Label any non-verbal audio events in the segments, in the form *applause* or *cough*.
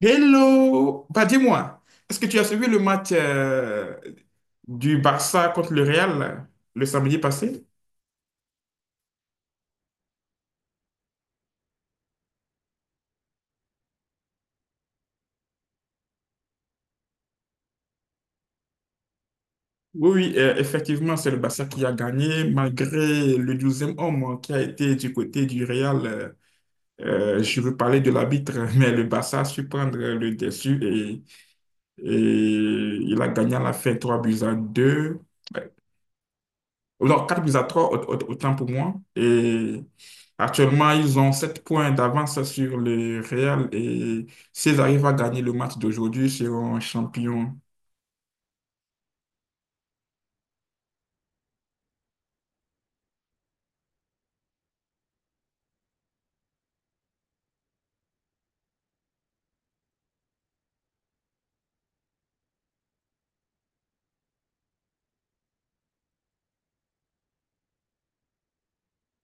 Hello! Bah dis-moi, est-ce que tu as suivi le match du Barça contre le Real le samedi passé? Oui, oui, effectivement, c'est le Barça qui a gagné malgré le douzième e homme, hein, qui a été du côté du Real. Je veux parler de l'arbitre, *laughs* mais le Barça a su prendre le dessus et il a gagné à la fin 3 buts à 2. Non, 4 buts à 3, autant pour moi. Et actuellement, ils ont 7 points d'avance sur le Real. Et s'ils arrivent à gagner le match d'aujourd'hui, ils seront champions.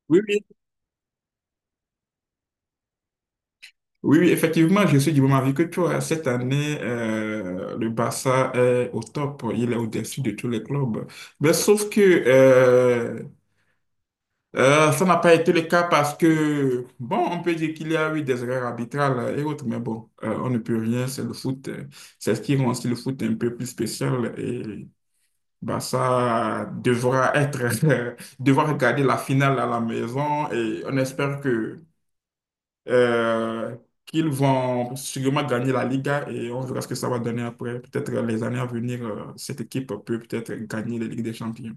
Oui, oui. Oui, oui, effectivement, je suis du même avis que toi. Cette année, le Barça est au top. Il est au-dessus de tous les clubs. Mais sauf que ça n'a pas été le cas parce que, bon, on peut dire qu'il y a eu des erreurs arbitrales et autres, mais bon, on ne peut rien, c'est le foot. C'est ce qui rend aussi le foot un peu plus spécial et bah, ça devra être, *laughs* devra regarder la finale à la maison et on espère que euh, qu'ils vont sûrement gagner la Liga et on verra ce que ça va donner après. Peut-être les années à venir, cette équipe peut peut-être gagner la Ligue des Champions.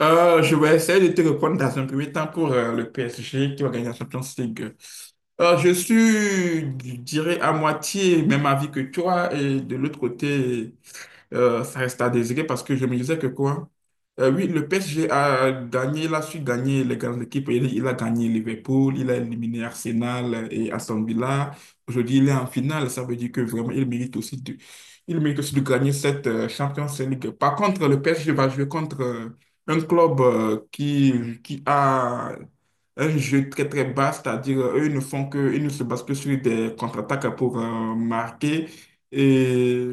Je vais essayer de te répondre dans un premier temps pour le PSG qui va gagner la Champions League. Je dirais, à moitié même avis que toi et de l'autre côté ça reste à désirer parce que je me disais que quoi? Oui, le PSG a gagné, il a su gagner les grandes équipes. Il a gagné Liverpool, il a éliminé Arsenal et Aston Villa. Aujourd'hui, il est en finale. Ça veut dire que vraiment, il mérite aussi de gagner cette Champions League. Par contre, le PSG va jouer contre un club qui a un jeu très très bas, c'est-à-dire eux ils ne font que, ils ne se basent que sur des contre-attaques pour marquer. Et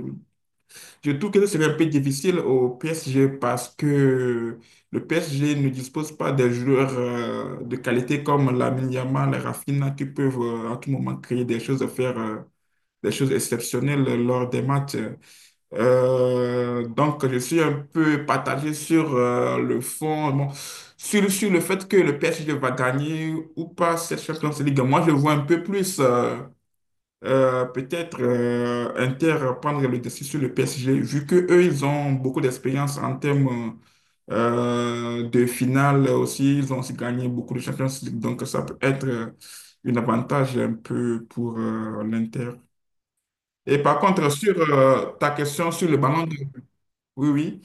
je trouve que ce serait un peu difficile au PSG parce que le PSG ne dispose pas des joueurs de qualité comme Lamine Yamal, Rafinha qui peuvent à tout moment créer des choses, faire des choses exceptionnelles lors des matchs. Donc, je suis un peu partagé sur le fond, bon, sur le fait que le PSG va gagner ou pas cette Champions League. Moi, je vois un peu plus. Peut-être Inter prendre le dessus sur le PSG, vu que eux, ils ont beaucoup d'expérience en termes de finale aussi. Ils ont aussi gagné beaucoup de Champions League, donc ça peut être un avantage un peu pour l'Inter. Et par contre, sur ta question sur le ballon d'or, oui, oui.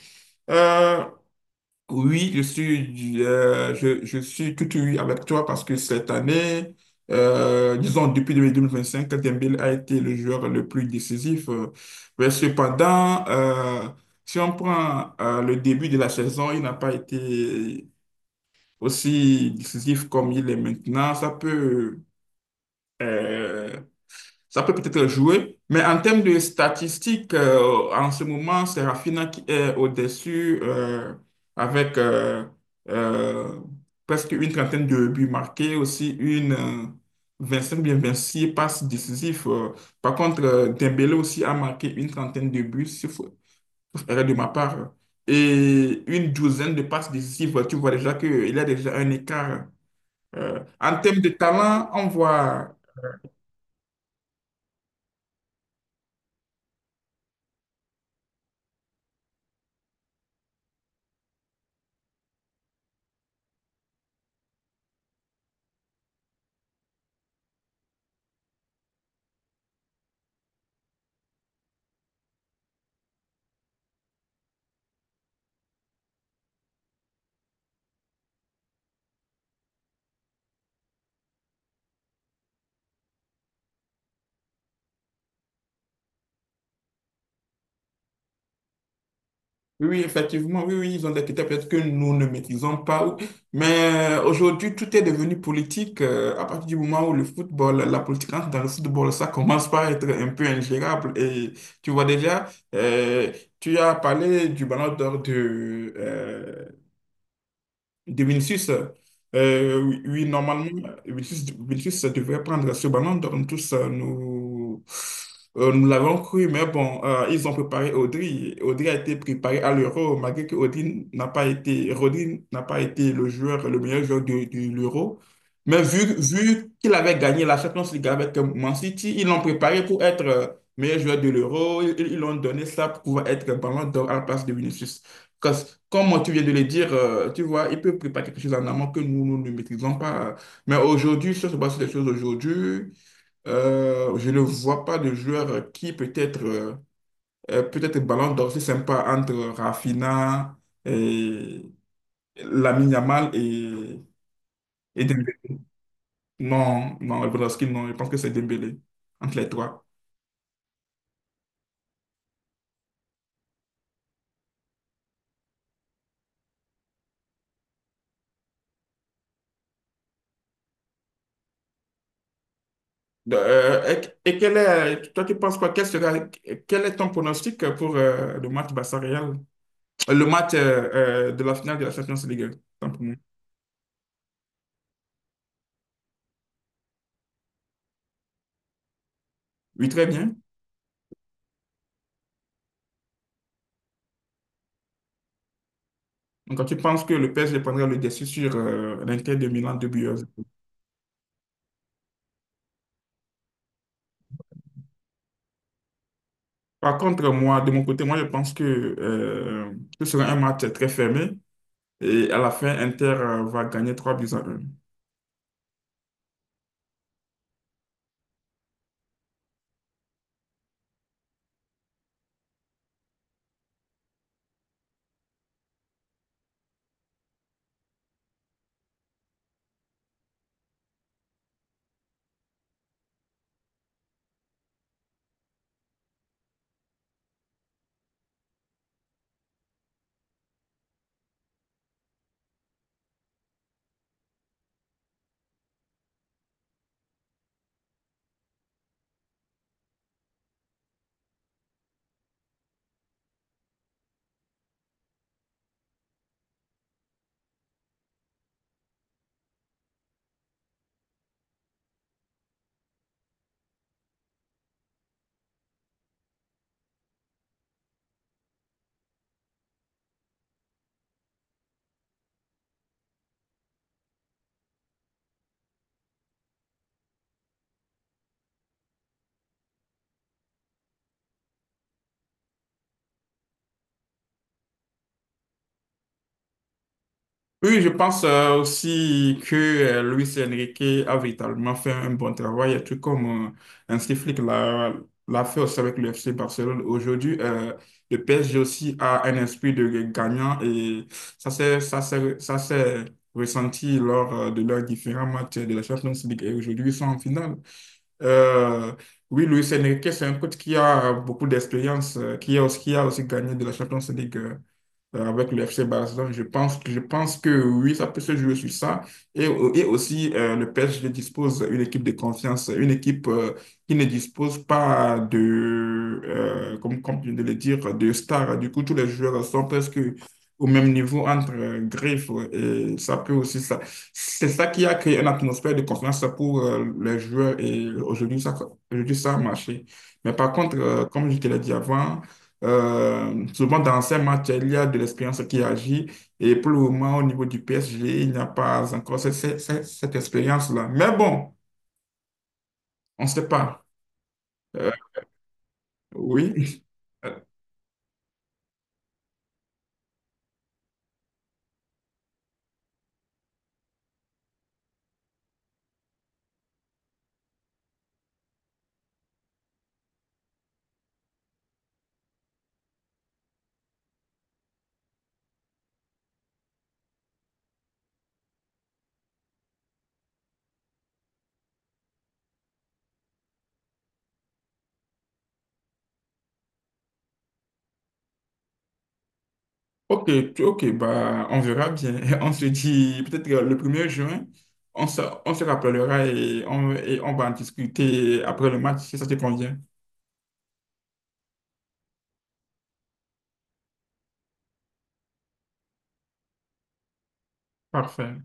Euh, oui, je suis tout oui avec toi parce que cette année, disons depuis 2025, Dembélé a été le joueur le plus décisif. Mais cependant, si on prend le début de la saison, il n'a pas été aussi décisif comme il est maintenant. Euh, Ça peut peut-être jouer, mais en termes de statistiques, en ce moment, c'est Rafinha qui est au-dessus avec euh, presque une trentaine de buts marqués, aussi une cinq bien 26 passes décisives. Par contre, Dembélé aussi a marqué une trentaine de buts, sauf erreur de ma part, et une douzaine de passes décisives. Tu vois déjà qu'il y a déjà un écart. En termes de talent, on voit. Oui, oui, effectivement, oui, oui, ils ont des critères peut-être que nous ne maîtrisons pas. Mais aujourd'hui, tout est devenu politique. À partir du moment où le football, la politique entre dans le football, ça commence par être un peu ingérable. Et tu vois déjà, euh, tu as parlé du ballon d'or de Vinicius, oui, oui, normalement, Vinicius devrait prendre ce ballon. Donc, tous, nous l'avons cru, mais bon, ils ont préparé Audrey. Audrey a été préparé à l'Euro, malgré que Audrey n'a pas été, Rodri n'a pas été le meilleur joueur de l'Euro. Mais vu qu'il avait gagné la Champions League avec Man City, ils l'ont préparé pour être meilleur joueur de l'Euro. Ils l'ont donné ça pour pouvoir être ballon d'or à la place de Vinicius. Comme tu viens de le dire, tu vois, il peut préparer quelque chose en amont que nous, nous ne maîtrisons pas. Mais aujourd'hui, si on se base sur les choses aujourd'hui, je ne vois pas de joueur qui peut-être ballon d'or, c'est sympa entre Rafinha et Lamine Yamal et Dembélé. Non, non, Lewandowski, non, je pense que c'est Dembélé, entre les trois. Et quel est, toi, tu penses quoi? Quel est ton pronostic pour le match Barça-Real? Le match de la finale de la Champions League, tant pour moi. Oui, très bien. Donc, quand tu penses que le PSG prendra le dessus sur l'Inter de Milan de buts à zéro. Par contre, moi, de mon côté, moi, je pense que ce sera un match très fermé et à la fin, Inter va gagner 3 buts à un. Oui, je pense aussi que Luis Enrique a véritablement fait un bon travail, tout comme un Flick l'a fait aussi avec le FC Barcelone. Aujourd'hui, le PSG aussi a un esprit de gagnant et ça s'est ressenti lors de leurs différents matchs de la Champions League et aujourd'hui ils sont en finale. Euh, oui, Luis Enrique, c'est un coach qui a beaucoup d'expérience, qui a aussi gagné de la Champions League avec le FC Barcelone. Je pense que oui, ça peut se jouer sur ça. Et aussi, le PSG dispose d'une équipe de confiance, une équipe qui ne dispose pas de, comme tu viens de le dire, de stars. Du coup, tous les joueurs sont presque au même niveau entre griffes. Et ça peut aussi, ça, c'est ça qui a créé une atmosphère de confiance pour les joueurs. Et aujourd'hui, ça a marché. Mais par contre, comme je te l'ai dit avant, souvent dans ces matchs, il y a de l'expérience qui agit et pour le moment, au niveau du PSG, il n'y a pas encore cette expérience-là. Mais bon, on ne sait pas. Euh, oui. Euh, Ok, bah, on verra bien. *laughs* On se dit peut-être le premier juin, on se, on se rappellera et et on va en discuter après le match si ça te convient. Parfait.